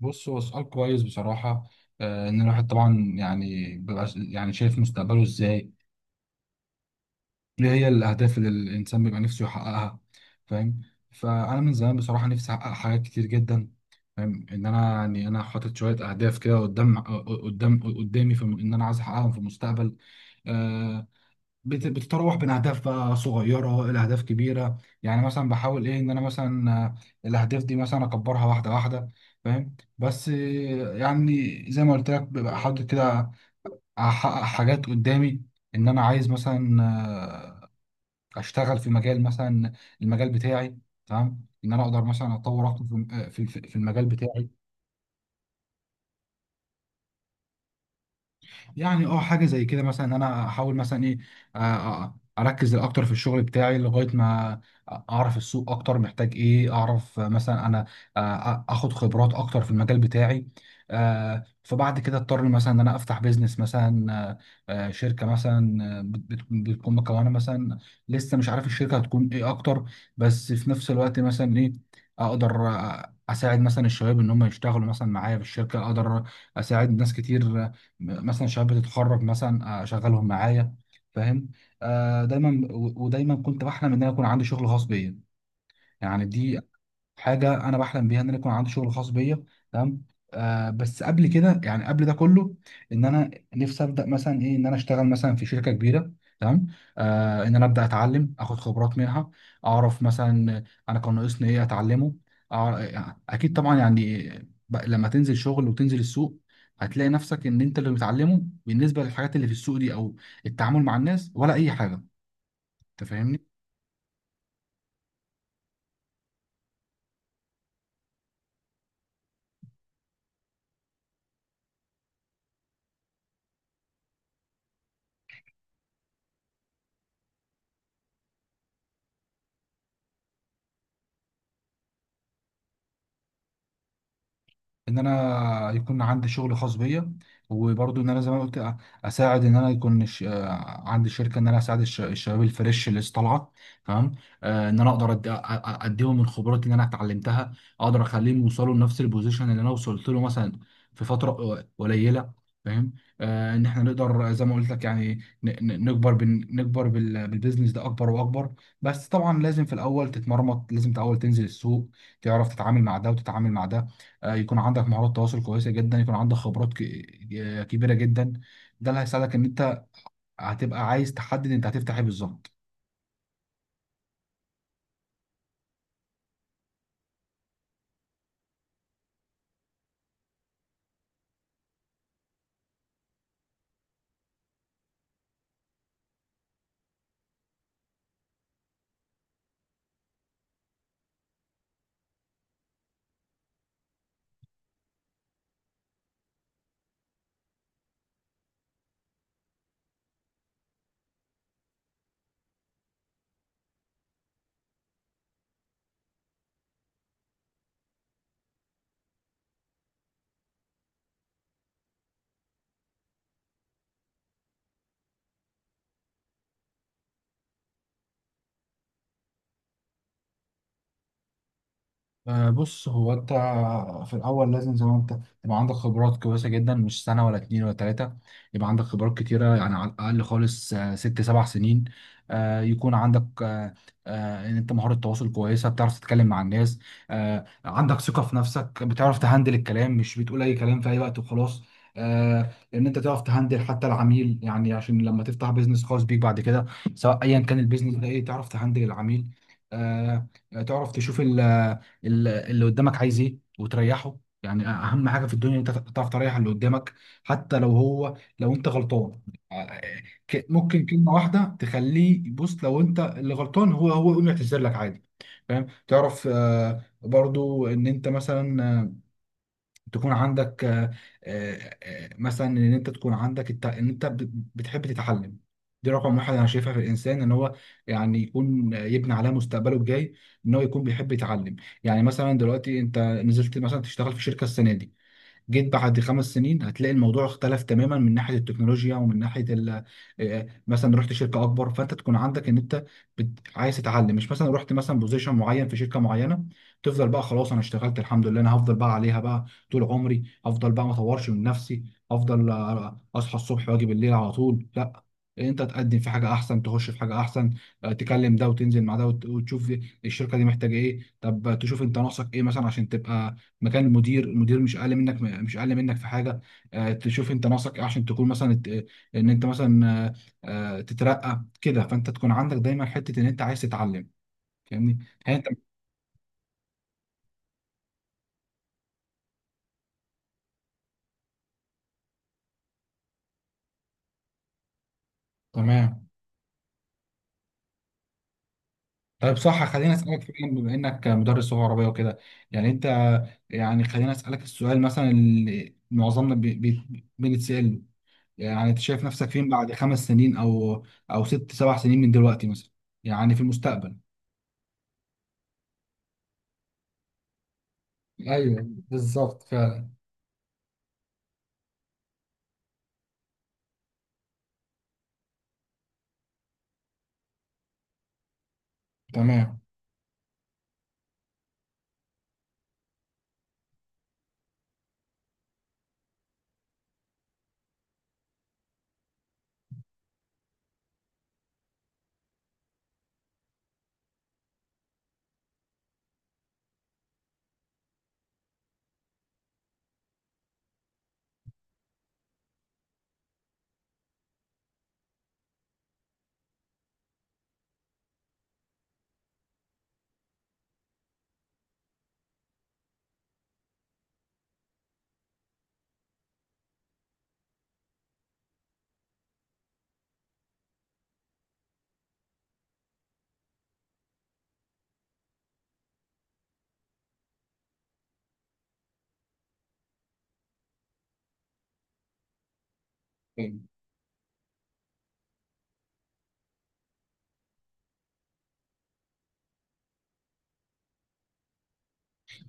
بص، هو سؤال كويس بصراحة. إن الواحد طبعا يعني بيبقى يعني شايف مستقبله إزاي، إيه هي الأهداف اللي الإنسان بيبقى نفسه يحققها. فاهم؟ فأنا من زمان بصراحة نفسي أحقق حاجات كتير جدا. فاهم إن أنا يعني أنا حاطط شوية أهداف كده قدام قدامي في إن أنا عايز أحققهم في المستقبل. آه، بتتراوح بين اهداف بقى صغيره الى اهداف كبيره، يعني مثلا بحاول ايه ان انا مثلا، الاهداف دي مثلا اكبرها واحده واحده. فاهم؟ بس يعني زي ما قلت لك ببقى حاطط كده، احقق حاجات قدامي. ان انا عايز مثلا اشتغل في مجال مثلا، المجال بتاعي. تمام؟ ان انا اقدر مثلا اتطور اكتر في المجال بتاعي. يعني اه، حاجه زي كده مثلا، ان انا احاول مثلا ايه، اركز اكتر في الشغل بتاعي لغايه ما اعرف السوق اكتر محتاج ايه، اعرف مثلا انا اخد خبرات اكتر في المجال بتاعي. فبعد كده اضطر مثلا ان انا افتح بيزنس مثلا، شركه مثلا، بتكون مكونه مثلا. لسه مش عارف الشركه هتكون ايه اكتر، بس في نفس الوقت مثلا ايه، اقدر اساعد مثلا الشباب ان هم يشتغلوا مثلا معايا في الشركه. اقدر اساعد ناس كتير، مثلا شباب بتتخرج مثلا اشغلهم معايا. فاهم؟ آه، دايما و- ودايما كنت بحلم ان انا يكون عندي شغل خاص بيا. يعني دي حاجه انا بحلم بيها، ان انا يكون عندي شغل خاص بيا. تمام. بس قبل كده يعني قبل ده كله، ان انا نفسي ابدا مثلا ايه، ان انا اشتغل مثلا في شركه كبيره. تمام. ان انا ابدا اتعلم اخد خبرات منها، اعرف مثلا انا كان ناقصني ايه اتعلمه. أع- اكيد طبعا يعني لما تنزل شغل وتنزل السوق هتلاقي نفسك ان انت اللي بتعلمه بالنسبه للحاجات اللي في السوق دي، او التعامل مع الناس، ولا اي حاجه. انت فاهمني؟ ان انا يكون عندي شغل خاص بيا، وبرضو ان انا زي ما قلت اساعد. ان انا يكون عندي شركه، ان انا اساعد الشباب الفريش اللي لسه طالعه. تمام. ان انا اقدر اديهم من خبراتي اللي انا اتعلمتها، اقدر اخليهم يوصلوا لنفس البوزيشن اللي انا وصلت له مثلا في فتره قليله. فاهم؟ ان احنا نقدر زي ما قلت لك يعني نكبر نكبر بالبيزنس ده اكبر واكبر. بس طبعا لازم في الاول تتمرمط، لازم الاول تنزل السوق، تعرف تتعامل مع ده وتتعامل مع ده. يكون عندك مهارات تواصل كويسه جدا، يكون عندك خبرات كبيره جدا. ده اللي هيساعدك ان انت هتبقى عايز تحدد انت هتفتح ايه بالظبط. بص، هو انت في الاول لازم زي ما انت تبقى عندك خبرات كويسه جدا، مش سنه ولا اتنين ولا تلاته، يبقى عندك خبرات كتيره. يعني على الاقل خالص 6 7 سنين. يكون عندك، ان انت مهاره تواصل كويسه، بتعرف تتكلم مع الناس. عندك ثقه في نفسك، بتعرف تهندل الكلام، مش بتقول اي كلام في اي وقت وخلاص. ان انت تعرف تهندل حتى العميل، يعني عشان لما تفتح بيزنس خاص بيك بعد كده، سواء ايا كان البيزنس ده ايه، تعرف تهندل العميل. آه، تعرف تشوف اللي قدامك عايز ايه وتريحه. يعني اهم حاجه في الدنيا إن انت تعرف تريح اللي قدامك، حتى لو هو لو انت غلطان. ممكن كلمه واحده تخليه، بص، لو انت اللي غلطان هو يقوم يعتذر لك عادي. فاهم؟ تعرف برضو ان انت مثلا، تكون عندك، مثلا ان انت تكون عندك ان انت بتحب تتعلم. دي رقم واحد انا شايفها في الانسان، ان هو يعني يكون يبني عليها مستقبله الجاي، ان هو يكون بيحب يتعلم. يعني مثلا دلوقتي انت نزلت مثلا تشتغل في شركه السنه دي، جيت بعد 5 سنين هتلاقي الموضوع اختلف تماما من ناحيه التكنولوجيا، ومن ناحيه مثلا رحت شركه اكبر، فانت تكون عندك ان انت عايز تتعلم. مش مثلا رحت مثلا بوزيشن معين في شركه معينه، تفضل بقى خلاص، انا اشتغلت الحمد لله انا هفضل بقى عليها بقى طول عمري، افضل بقى ما اطورش من نفسي، افضل اصحى الصبح واجي بالليل على طول. لا، انت تقدم في حاجه احسن، تخش في حاجه احسن. تكلم ده وتنزل مع ده وتشوف الشركه دي محتاجه ايه. طب تشوف انت ناقصك ايه مثلا عشان تبقى مكان المدير. المدير مش اقل منك، مش اقل منك في حاجه. تشوف انت ناقصك ايه عشان تكون مثلا ان انت مثلا تترقى كده. فانت تكون عندك دايما حته ان انت عايز تتعلم. فاهمني؟ هي انت. تمام. طيب صح، خليني اسالك فعلا، بما انك مدرس لغه عربيه وكده، يعني انت، يعني خليني اسالك السؤال مثلا اللي معظمنا بنتسال، يعني انت شايف نفسك فين بعد 5 سنين او او 6 7 سنين من دلوقتي مثلا، يعني في المستقبل. ايوه، بالظبط فعلا. تمام.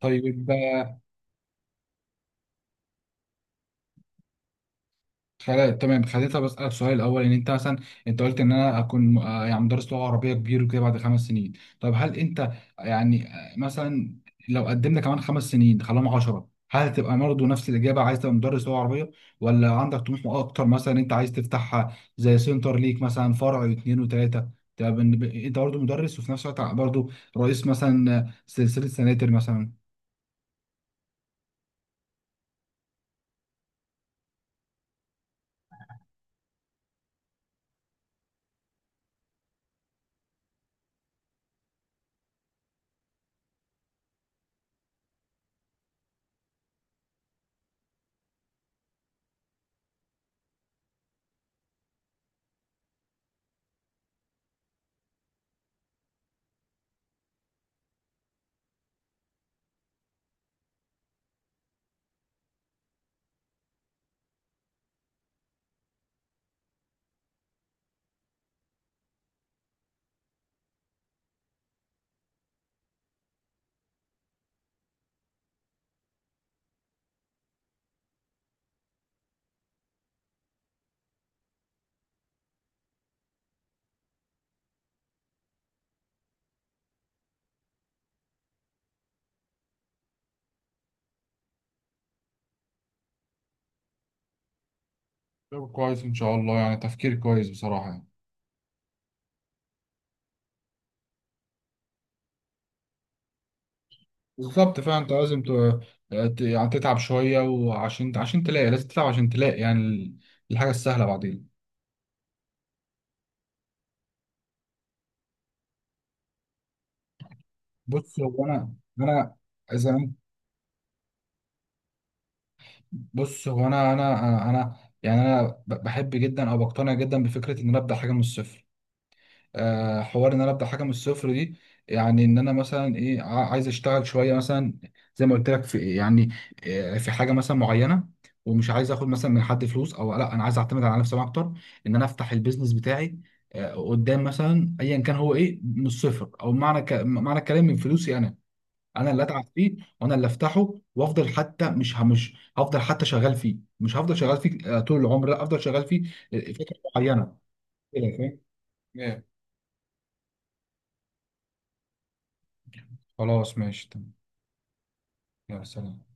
طيب تمام، خليتها بسألك سؤال الأول إن أنت مثلا، أنت قلت إن أنا أكون يعني مدرس لغة عربية كبير وكده بعد 5 سنين. طيب هل أنت يعني مثلا لو قدمنا كمان 5 سنين خلاهم 10، هل هتبقى برضه نفس الإجابة، عايز تبقى مدرس لغة عربية، ولا عندك طموح أكتر، مثلا أنت عايز تفتح زي سنتر ليك مثلا، فرع واثنين وثلاثة، تبقى أنت برضه مدرس وفي نفس الوقت برضه رئيس مثلا سلسلة سناتر مثلا؟ طب كويس ان شاء الله، يعني تفكير كويس بصراحة. بالظبط فعلا، انت لازم يعني تتعب شويه، وعشان عشان تلاقي، لازم تتعب عشان تلاقي يعني الحاجه السهله بعدين. بص هو انا انا اذا أنا- بص هو انا انا انا أنا- يعني انا بحب جدا، او بقتنع جدا بفكره ان انا ابدا حاجه من الصفر. حوار ان انا ابدا حاجه من الصفر دي، يعني ان انا مثلا ايه عايز اشتغل شويه مثلا زي ما قلت لك في يعني في حاجه مثلا معينه. ومش عايز اخد مثلا من حد فلوس او، لا انا عايز اعتمد على نفسي اكتر، ان انا افتح البيزنس بتاعي قدام مثلا، ايا كان هو ايه، من الصفر. او معنى معنى الكلام من فلوسي انا، انا اللي اتعب فيه وانا اللي افتحه، وافضل حتى مش هفضل حتى شغال فيه، مش هفضل شغال فيه طول العمر، لا، افضل شغال فيه فتره معينه. كده فاهم؟ إيه. خلاص ماشي. يا سلام.